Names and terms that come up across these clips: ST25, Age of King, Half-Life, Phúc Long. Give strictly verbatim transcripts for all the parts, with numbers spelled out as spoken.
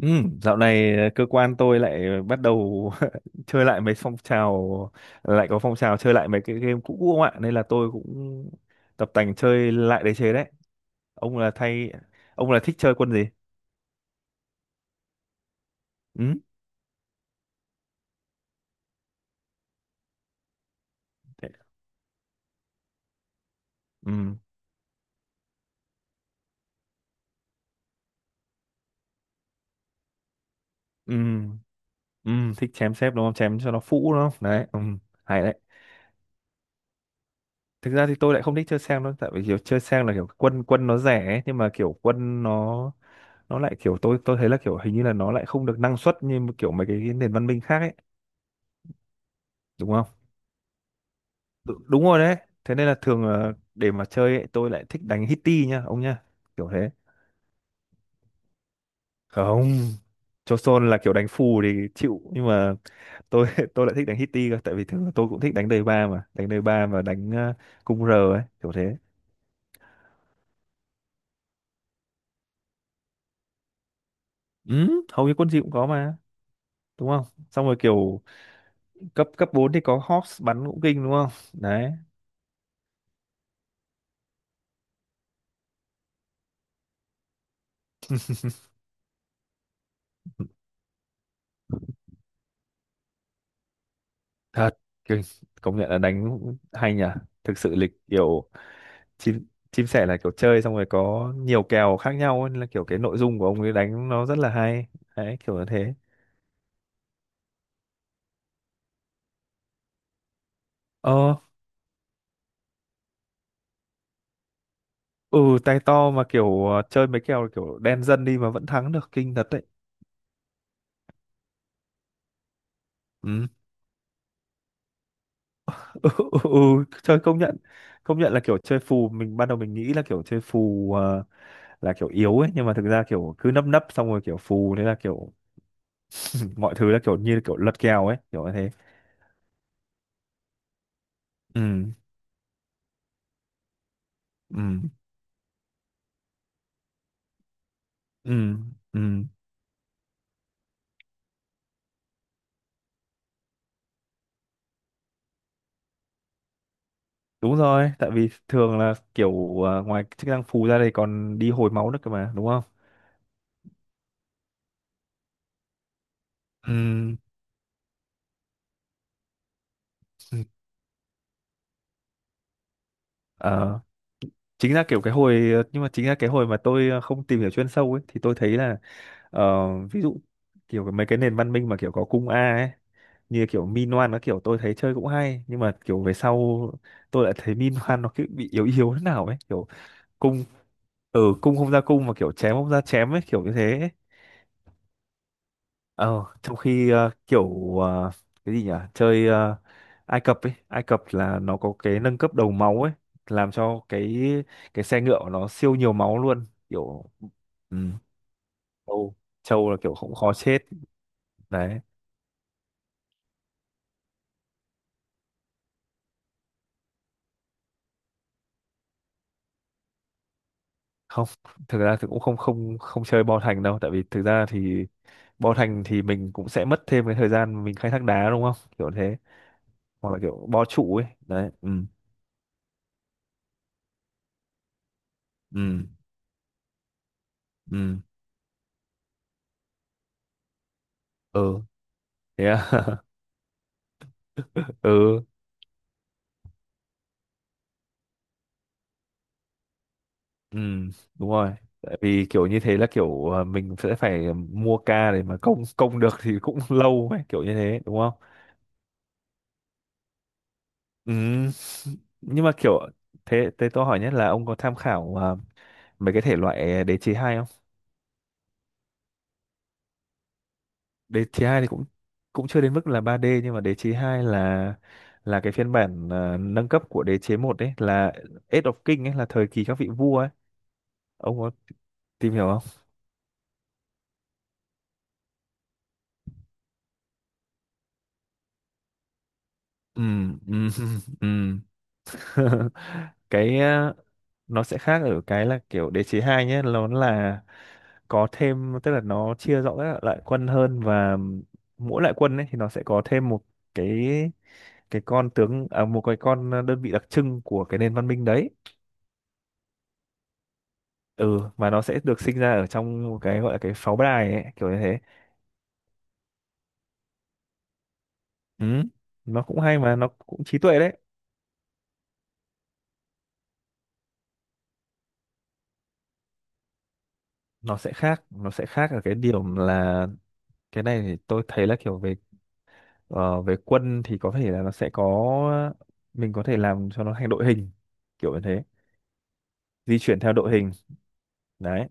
Ừ, dạo này ờ, cơ quan tôi lại bắt đầu chơi lại mấy phong trào, lại có phong trào chơi lại mấy cái game cũ cũ không ạ, nên là tôi cũng tập tành chơi lại đế chế đấy. ông là thay ông là thích chơi quân gì? Ừ. thế- ừ. Ừ, ừ. Thích chém xếp đúng không, chém cho nó phũ đúng không đấy. Ừ. Hay đấy. Thực ra thì tôi lại không thích chơi sang đâu, tại vì kiểu chơi sang là kiểu quân quân nó rẻ ấy, nhưng mà kiểu quân nó nó lại kiểu tôi tôi thấy là kiểu hình như là nó lại không được năng suất như kiểu mấy cái nền văn minh khác ấy, đúng không? Đú- đúng rồi đấy. Thế nên là thường là để mà chơi ấy, tôi lại thích đánh hitty nhá ông nhá, kiểu thế. Không, cho là kiểu đánh phù thì chịu, nhưng mà tôi tôi lại thích đánh hitty cơ, tại vì thường là tôi cũng thích đánh đời ba, mà đánh đời ba và đánh ờ, cung r ấy, kiểu thế. Ừ, hầu như quân gì cũng có mà, đúng không? Xong rồi kiểu cấp cấp bốn thì có Hawks bắn cũng kinh, đúng không? Đấy. Thật kinh. Công nhận là đánh hay nhỉ, thực sự lịch kiểu. Chim chim sẻ là kiểu chơi xong rồi có nhiều kèo khác nhau ấy, nên là kiểu cái nội dung của ông ấy đánh nó rất là hay. Đấy, kiểu như thế. Ờ. Ừ, tay to mà kiểu ờ, chơi mấy kèo kiểu đen dân đi mà vẫn thắng được, kinh thật đấy. Ừ. Ừ, ừ, ừ, chơi công nhận. Công nhận là kiểu chơi phù, mình ban đầu mình nghĩ là kiểu chơi phù ờ, là kiểu yếu ấy, nhưng mà thực ra kiểu cứ nấp nấp xong rồi kiểu phù, thế là kiểu mọi thứ là kiểu như kiểu lật kèo ấy, kiểu như thế. Ừ. Ừ. Ừ. Ừ. Đúng rồi, tại vì thường là kiểu à, ngoài chức năng phù ra đây còn đi hồi máu nữa cơ mà, đúng không? Ừm. Ờ, chính ra kiểu cái hồi ờ, nhưng mà chính ra cái hồi mà tôi ờ, không tìm hiểu chuyên sâu ấy, thì tôi thấy là ờ, ví dụ kiểu mấy cái nền văn minh mà kiểu có cung A ấy, như kiểu Minoan nó kiểu tôi thấy chơi cũng hay, nhưng mà kiểu về sau tôi lại thấy Minoan nó cứ bị yếu yếu thế nào ấy, kiểu cung. Ừ, cung không ra cung mà kiểu chém không ra chém ấy, kiểu như thế. Ờ, trong khi ờ, kiểu ờ, cái gì nhỉ, chơi ờ, Ai Cập ấy. Ai Cập là nó có cái nâng cấp đầu máu ấy, làm cho cái cái xe ngựa của nó siêu nhiều máu luôn, kiểu. Ừ, châu châu là kiểu cũng khó chết. Đấy. Không, thực ra thì cũng không, không, không chơi Bo Thành đâu, tại vì thực ra thì Bo Thành thì mình cũng sẽ mất thêm cái thời gian mình khai thác đá, đúng không, kiểu thế? Hoặc là kiểu bo trụ ấy. Đấy. Ừ. Ừ. Ừ. Ừ. Thế à? Ừ. Ừ, đúng rồi. Tại vì kiểu như thế là kiểu ờ, mình sẽ phải mua ca để mà công công được thì cũng lâu ấy, kiểu như thế, đúng không? Ừ. Nhưng mà kiểu thế thế tôi hỏi nhất là ông có tham khảo ờ, mấy cái thể loại đế chế hai không? Đế chế hai thì cũng cũng chưa đến mức là ba đê, nhưng mà đế chế hai là là cái phiên bản ờ, nâng cấp của đế chế một ấy, là Age of King ấy, là thời kỳ các vị vua ấy. Ông có tìm hiểu không? Ừ, ừ, ừ. cái ờ, nó sẽ khác ở cái là kiểu đế chế hai nhé, nó là có thêm, tức là nó chia rõ các loại quân hơn, và mỗi loại quân ấy thì nó sẽ có thêm một cái cái con tướng, à, một cái con đơn vị đặc trưng của cái nền văn minh đấy. Ừ, mà nó sẽ được sinh ra ở trong một cái gọi là cái pháo đài ấy, kiểu như thế. Ừ, nó cũng hay mà nó cũng trí tuệ đấy. Nó sẽ khác nó sẽ khác ở cái điểm là cái này thì tôi thấy là kiểu về. Ờ, về quân thì có thể là nó sẽ có, mình có thể làm cho nó thành đội hình, kiểu như thế, di chuyển theo đội hình. Đấy.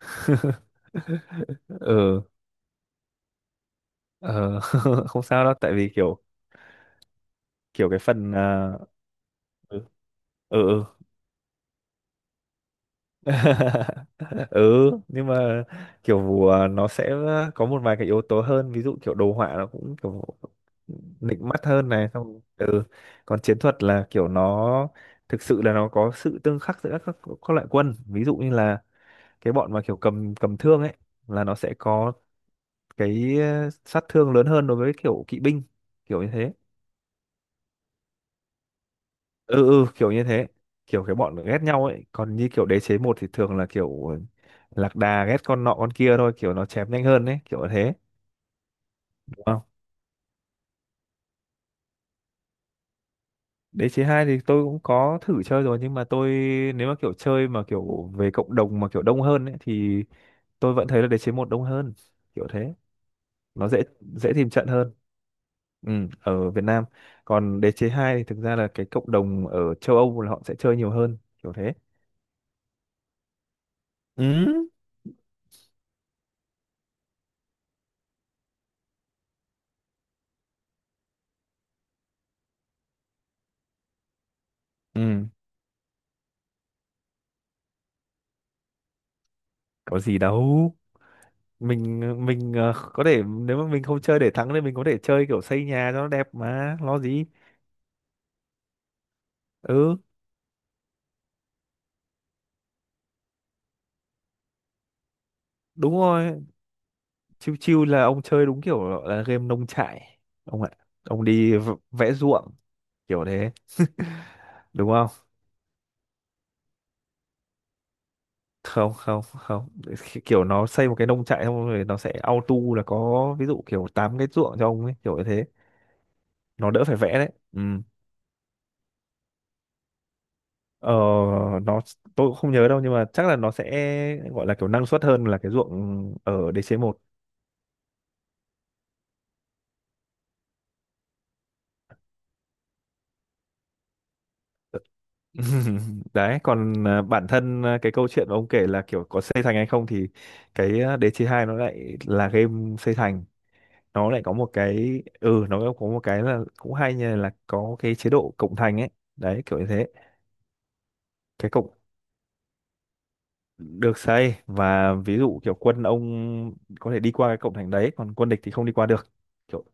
Ừ. Ờ, không sao đâu, tại vì kiểu kiểu cái phần à, ừ, ừ, ừ. Ừ, nhưng mà kiểu à, nó sẽ có một vài cái yếu tố hơn, ví dụ kiểu đồ họa nó cũng kiểu nịnh mắt hơn này, xong. Ừ. Còn chiến thuật là kiểu nó thực sự là nó có sự tương khắc giữa các các loại quân, ví dụ như là cái bọn mà kiểu cầm cầm thương ấy là nó sẽ có cái ờ, sát thương lớn hơn đối với kiểu kỵ binh, kiểu như thế. Ừ, ừ, kiểu như thế. Kiểu cái bọn ghét nhau ấy, còn như kiểu đế chế một thì thường là kiểu lạc đà ghét con nọ con kia thôi, kiểu nó chém nhanh hơn ấy, kiểu thế, đúng không? Đế chế hai thì tôi cũng có thử chơi rồi, nhưng mà tôi, nếu mà kiểu chơi mà kiểu về cộng đồng mà kiểu đông hơn ấy thì tôi vẫn thấy là đế chế một đông hơn, kiểu thế. Nó dễ dễ tìm trận hơn. Ừ, ở Việt Nam. Còn đế chế hai thì thực ra là cái cộng đồng ở châu Âu là họ sẽ chơi nhiều hơn, kiểu thế. Ừ. Ừ, có gì đâu, mình mình ờ, có thể, nếu mà mình không chơi để thắng thì mình có thể chơi kiểu xây nhà cho nó đẹp mà lo gì. Ừ, đúng rồi. Chiêu chiêu là ông chơi đúng kiểu là game nông trại ông ạ. Ông đi v- vẽ ruộng, kiểu thế, đúng không? Không, không, không, Ki- kiểu nó xây một cái nông trại xong rồi nó sẽ auto là có ví dụ kiểu tám cái ruộng cho ông ấy, kiểu như thế. Nó đỡ phải vẽ đấy. Ừ. Ờ, nó, tôi cũng không nhớ đâu, nhưng mà chắc là nó sẽ gọi là kiểu năng suất hơn là cái ruộng ở đê xê một. Đấy, còn à, bản thân à, cái câu chuyện mà ông kể là kiểu có xây thành hay không thì cái à, đê xê hai nó lại là game xây thành. Nó lại có một cái, ừ, nó có một cái là cũng hay, như là có cái chế độ cộng thành ấy. Đấy, kiểu như thế. Cái cộng Được xây, và ví dụ kiểu quân ông có thể đi qua cái cộng thành đấy, còn quân địch thì không đi qua được. Kiểu.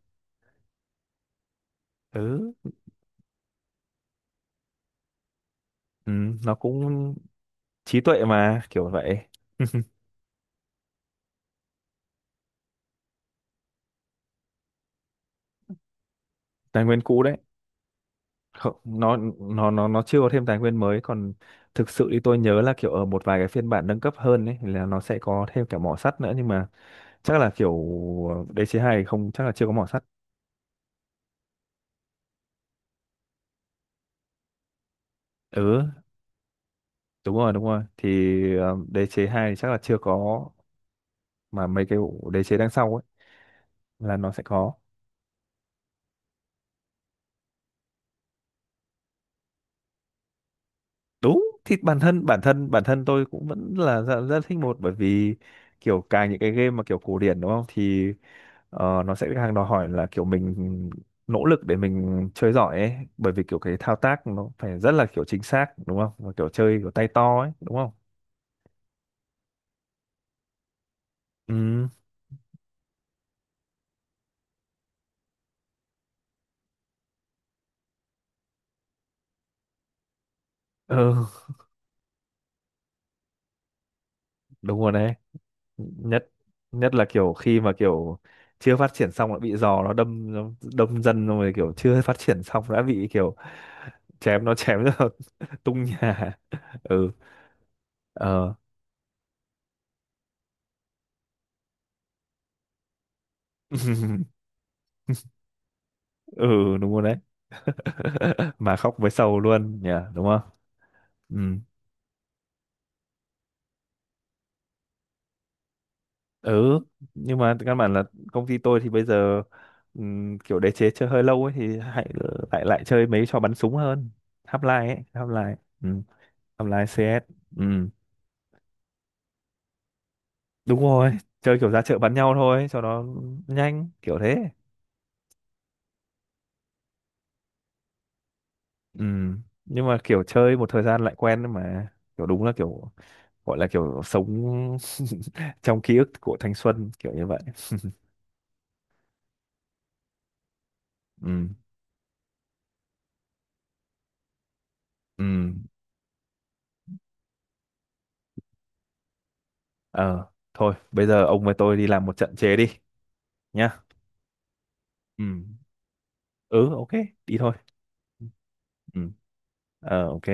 Ừ, ừ, nó cũng trí tuệ mà, kiểu vậy. Tài nguyên cũ đấy. Không, nó nó nó nó chưa có thêm tài nguyên mới. Còn thực sự thì tôi nhớ là kiểu ở một vài cái phiên bản nâng cấp hơn ấy là nó sẽ có thêm cả mỏ sắt nữa, nhưng mà chắc là kiểu đế chế hai không, chắc là chưa có mỏ sắt. Ừ, đúng rồi, đúng rồi thì ờ, đế chế hai thì chắc là chưa có, mà mấy cái đế chế đằng sau ấy là nó sẽ có. Đúng, thì bản thân bản thân bản thân tôi cũng vẫn là rất, rất thích một, bởi vì kiểu càng những cái game mà kiểu cổ điển, đúng không, thì ờ, nó sẽ càng đòi hỏi là kiểu mình nỗ lực để mình chơi giỏi ấy, bởi vì kiểu cái thao tác nó phải rất là kiểu chính xác, đúng không, và kiểu chơi kiểu tay to ấy, đúng không? Ừ. Ừ, đúng rồi đấy. Nhất Nhất là kiểu khi mà kiểu chưa phát triển xong đã bị giò nó đâm, nó đâm dân, xong rồi kiểu chưa phát triển xong đã bị kiểu chém, nó chém nó tung nhà. Ừ. Ờ. Ừ, đúng rồi đấy. Mà khóc với sầu luôn nhỉ, đúng không? Ừ. Ừ, nhưng mà căn bản là công ty tôi thì bây giờ ừm, kiểu đế chế chơi hơi lâu ấy, thì hãy lại lại chơi mấy trò bắn súng hơn. Half-Life ấy, Half-Life. Ừ. Half-Life, xê ét. Ừ. Đúng rồi, chơi kiểu ra chợ bắn nhau thôi cho nó nhanh, kiểu thế. Ừ. Nhưng mà kiểu chơi một thời gian lại quen mà, kiểu đúng là kiểu, gọi là kiểu sống trong ký ức của thanh xuân kiểu như vậy. Ừ. Ừ. Ờ, thôi bây giờ ông với tôi đi làm một trận chế đi nhá. Ừ. Ừ, ok. Đi thôi. Ừ. Ờ, ok.